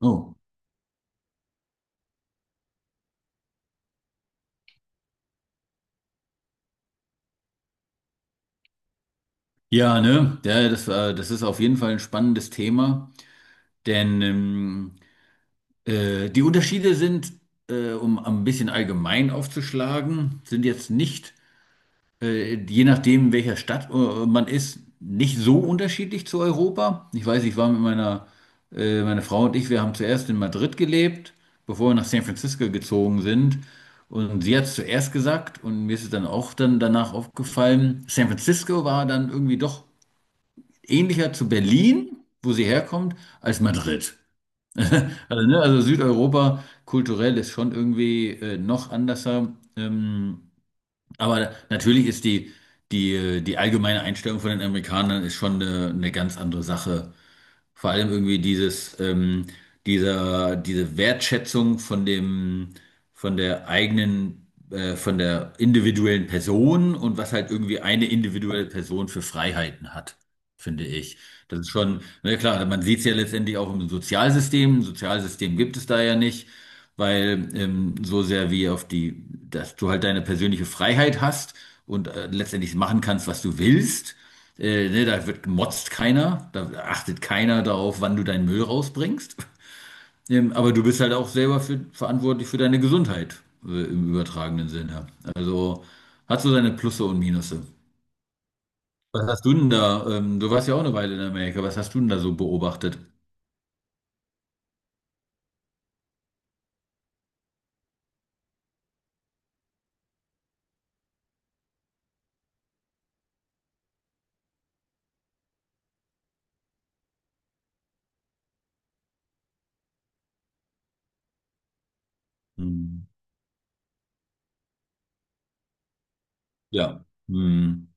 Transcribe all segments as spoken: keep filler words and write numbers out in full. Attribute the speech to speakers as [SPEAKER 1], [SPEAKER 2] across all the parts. [SPEAKER 1] Oh. Ja, ne? Ja, das war, das ist auf jeden Fall ein spannendes Thema, denn ähm, äh, die Unterschiede sind, äh, um ein bisschen allgemein aufzuschlagen, sind jetzt nicht, äh, je nachdem, in welcher Stadt äh, man ist, nicht so unterschiedlich zu Europa. Ich weiß, ich war mit meiner, äh, meine Frau und ich, wir haben zuerst in Madrid gelebt, bevor wir nach San Francisco gezogen sind. Und sie hat es zuerst gesagt und mir ist es dann auch dann danach aufgefallen, San Francisco war dann irgendwie doch ähnlicher zu Berlin, wo sie herkommt, als Madrid. Also, ne, also Südeuropa kulturell ist schon irgendwie äh, noch anderser. Ähm, aber natürlich ist die, die, äh, die allgemeine Einstellung von den Amerikanern ist schon eine, eine ganz andere Sache, vor allem irgendwie dieses, ähm, dieser, diese Wertschätzung von dem, von der eigenen, äh, von der individuellen Person und was halt irgendwie eine individuelle Person für Freiheiten hat, finde ich. Das ist schon, na klar, man sieht es ja letztendlich auch im Sozialsystem. Ein Sozialsystem gibt es da ja nicht. Weil ähm, so sehr wie auf die, dass du halt deine persönliche Freiheit hast und äh, letztendlich machen kannst, was du willst, äh, ne, da wird gemotzt keiner, da achtet keiner darauf, wann du deinen Müll rausbringst. Ähm, aber du bist halt auch selber für, verantwortlich für deine Gesundheit, äh, im übertragenen Sinne. Also hat so seine Plusse und Minusse. Was hast du denn da? Ähm, du warst ja auch eine Weile in Amerika. Was hast du denn da so beobachtet? Hm. Ja. Hm.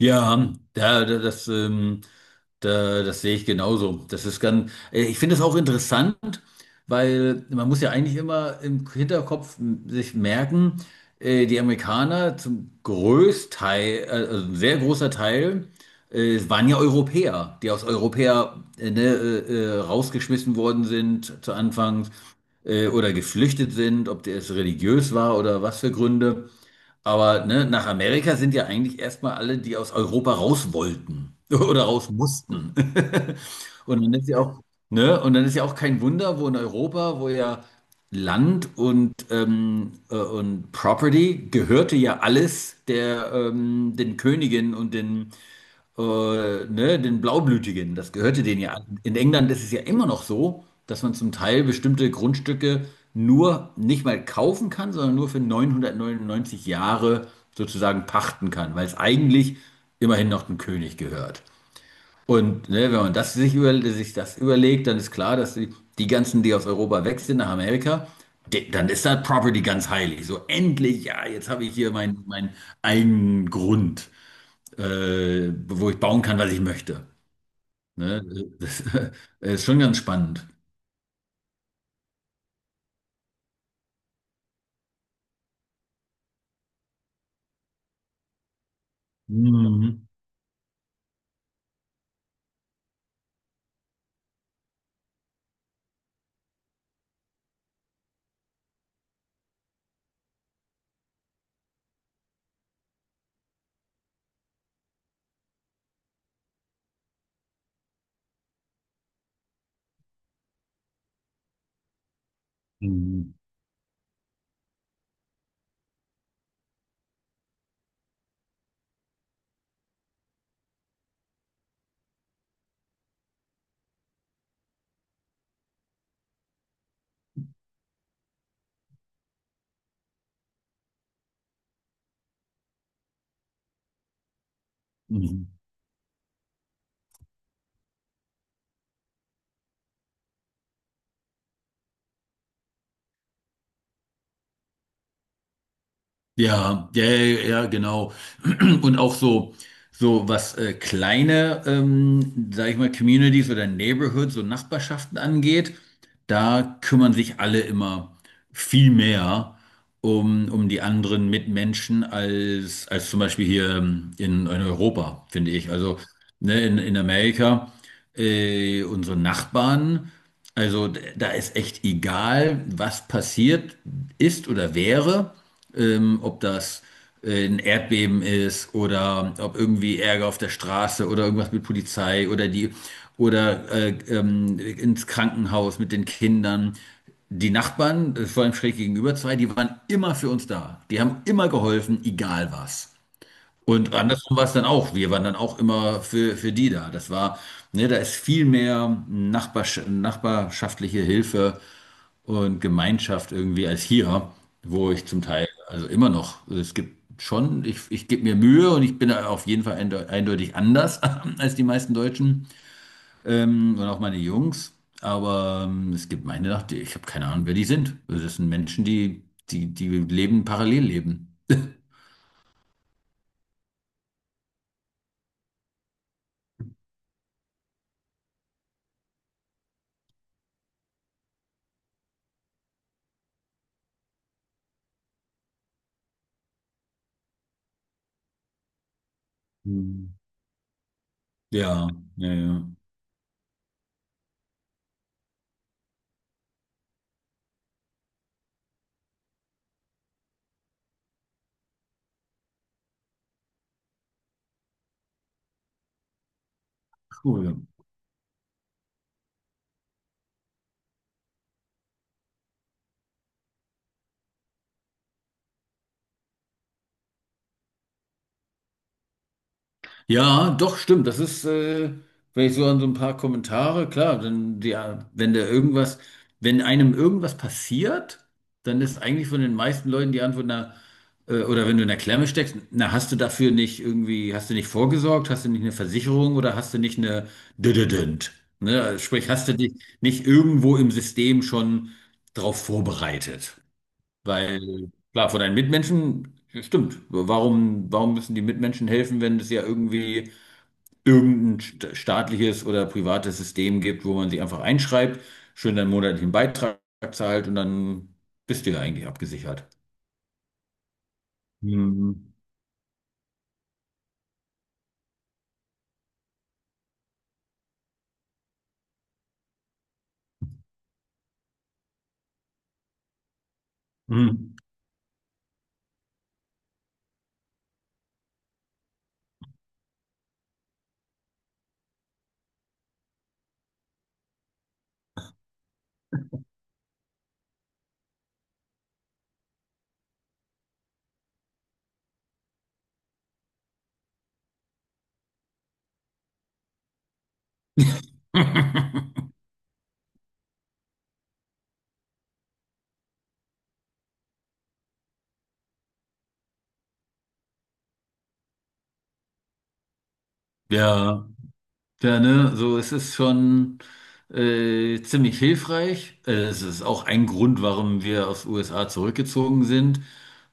[SPEAKER 1] Ja, da, da, das, ähm, da, das sehe ich genauso. Das ist ganz, äh, ich finde es auch interessant, weil man muss ja eigentlich immer im Hinterkopf m- sich merken, äh, die Amerikaner zum Großteil, äh, also ein sehr großer Teil, äh, waren ja Europäer, die aus Europa äh, ne, äh, äh, rausgeschmissen worden sind zu Anfang äh, oder geflüchtet sind, ob das religiös war oder was für Gründe. Aber ne, nach Amerika sind ja eigentlich erstmal alle, die aus Europa raus wollten oder raus mussten. Und dann ist ja auch, ne? Und dann ist ja auch kein Wunder, wo in Europa, wo ja Land und, ähm, äh, und Property gehörte ja alles der, ähm, den Königen und den, äh, ne, den Blaublütigen. Das gehörte denen ja an. In England ist es ja immer noch so, dass man zum Teil bestimmte Grundstücke nur nicht mal kaufen kann, sondern nur für neunhundertneunundneunzig Jahre sozusagen pachten kann, weil es eigentlich immerhin noch dem König gehört. Und ne, wenn man das sich, über, sich das überlegt, dann ist klar, dass die, die ganzen, die aus Europa weg sind nach Amerika, de- dann ist das Property ganz heilig. So endlich, ja, jetzt habe ich hier meinen mein eigenen Grund, äh, wo ich bauen kann, was ich möchte. Ne? Das ist schon ganz spannend. Mhm. Mhm. Mhm. Ja, ja, ja, ja, genau. Und auch so, so was äh, kleine, ähm, sag ich mal, Communities oder Neighborhoods und Nachbarschaften angeht, da kümmern sich alle immer viel mehr um, um die anderen Mitmenschen als, als zum Beispiel hier ähm, in, in Europa, finde ich. Also ne, in, in Amerika, äh, unsere Nachbarn. Also d- da ist echt egal, was passiert ist oder wäre, ähm, ob das äh, ein Erdbeben ist oder ob irgendwie Ärger auf der Straße oder irgendwas mit Polizei oder die oder äh, ähm, ins Krankenhaus mit den Kindern. Die Nachbarn, äh, vor allem schräg gegenüber zwei, die waren immer für uns da. Die haben immer geholfen, egal was. Und andersrum war es dann auch. Wir waren dann auch immer für, für die da. Das war, ne, da ist viel mehr Nachbarsch nachbarschaftliche Hilfe und Gemeinschaft irgendwie als hier, wo ich zum Teil, also immer noch, also es gibt schon, ich, ich gebe mir Mühe und ich bin da auf jeden Fall einde- eindeutig anders als die meisten Deutschen ähm, und auch meine Jungs. Aber ähm, es gibt meine, Nacht- ich habe keine Ahnung, wer die sind. Also das sind Menschen, die, die, die leben, parallel leben. Hm. Ja, ja, ja. Cool. Ja, doch, stimmt. Das ist, äh, wenn ich so an so ein paar Kommentare, klar, dann, ja, wenn da irgendwas, wenn einem irgendwas passiert, dann ist eigentlich von den meisten Leuten die Antwort, na, äh, oder wenn du in der Klemme steckst, na, hast du dafür nicht irgendwie, hast du nicht vorgesorgt, hast du nicht eine Versicherung oder hast du nicht eine Dödödönd? Ne? Also sprich, hast du dich nicht irgendwo im System schon drauf vorbereitet? Weil, klar, von deinen Mitmenschen, stimmt. Warum, warum müssen die Mitmenschen helfen, wenn es ja irgendwie irgendein sta- staatliches oder privates System gibt, wo man sie einfach einschreibt, schön deinen monatlichen Beitrag zahlt und dann bist du ja eigentlich abgesichert. Hm. Hm. Ja. Ja, ne, so es ist schon äh, ziemlich hilfreich. Äh, es ist auch ein Grund, warum wir aus den U S A zurückgezogen sind,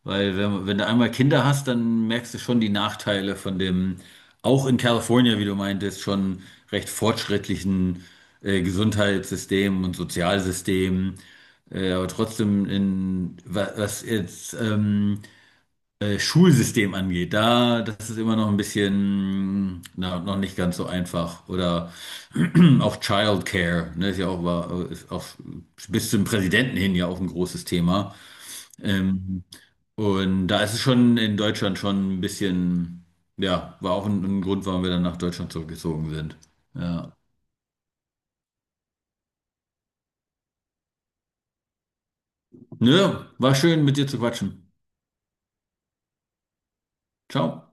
[SPEAKER 1] weil wenn, wenn du einmal Kinder hast, dann merkst du schon die Nachteile von dem, auch in Kalifornien, wie du meintest, schon recht fortschrittlichen äh, Gesundheitssystem und Sozialsystem. Äh, aber trotzdem in wa- was jetzt ähm, äh, Schulsystem angeht, da, das ist immer noch ein bisschen, na, noch nicht ganz so einfach. Oder auch Childcare, ne, ist ja auch, war, ist auch bis zum Präsidenten hin ja auch ein großes Thema. Ähm, und da ist es schon in Deutschland schon ein bisschen, ja, war auch ein, ein Grund, warum wir dann nach Deutschland zurückgezogen sind. Ja. Nö, war schön mit dir zu quatschen. Ciao.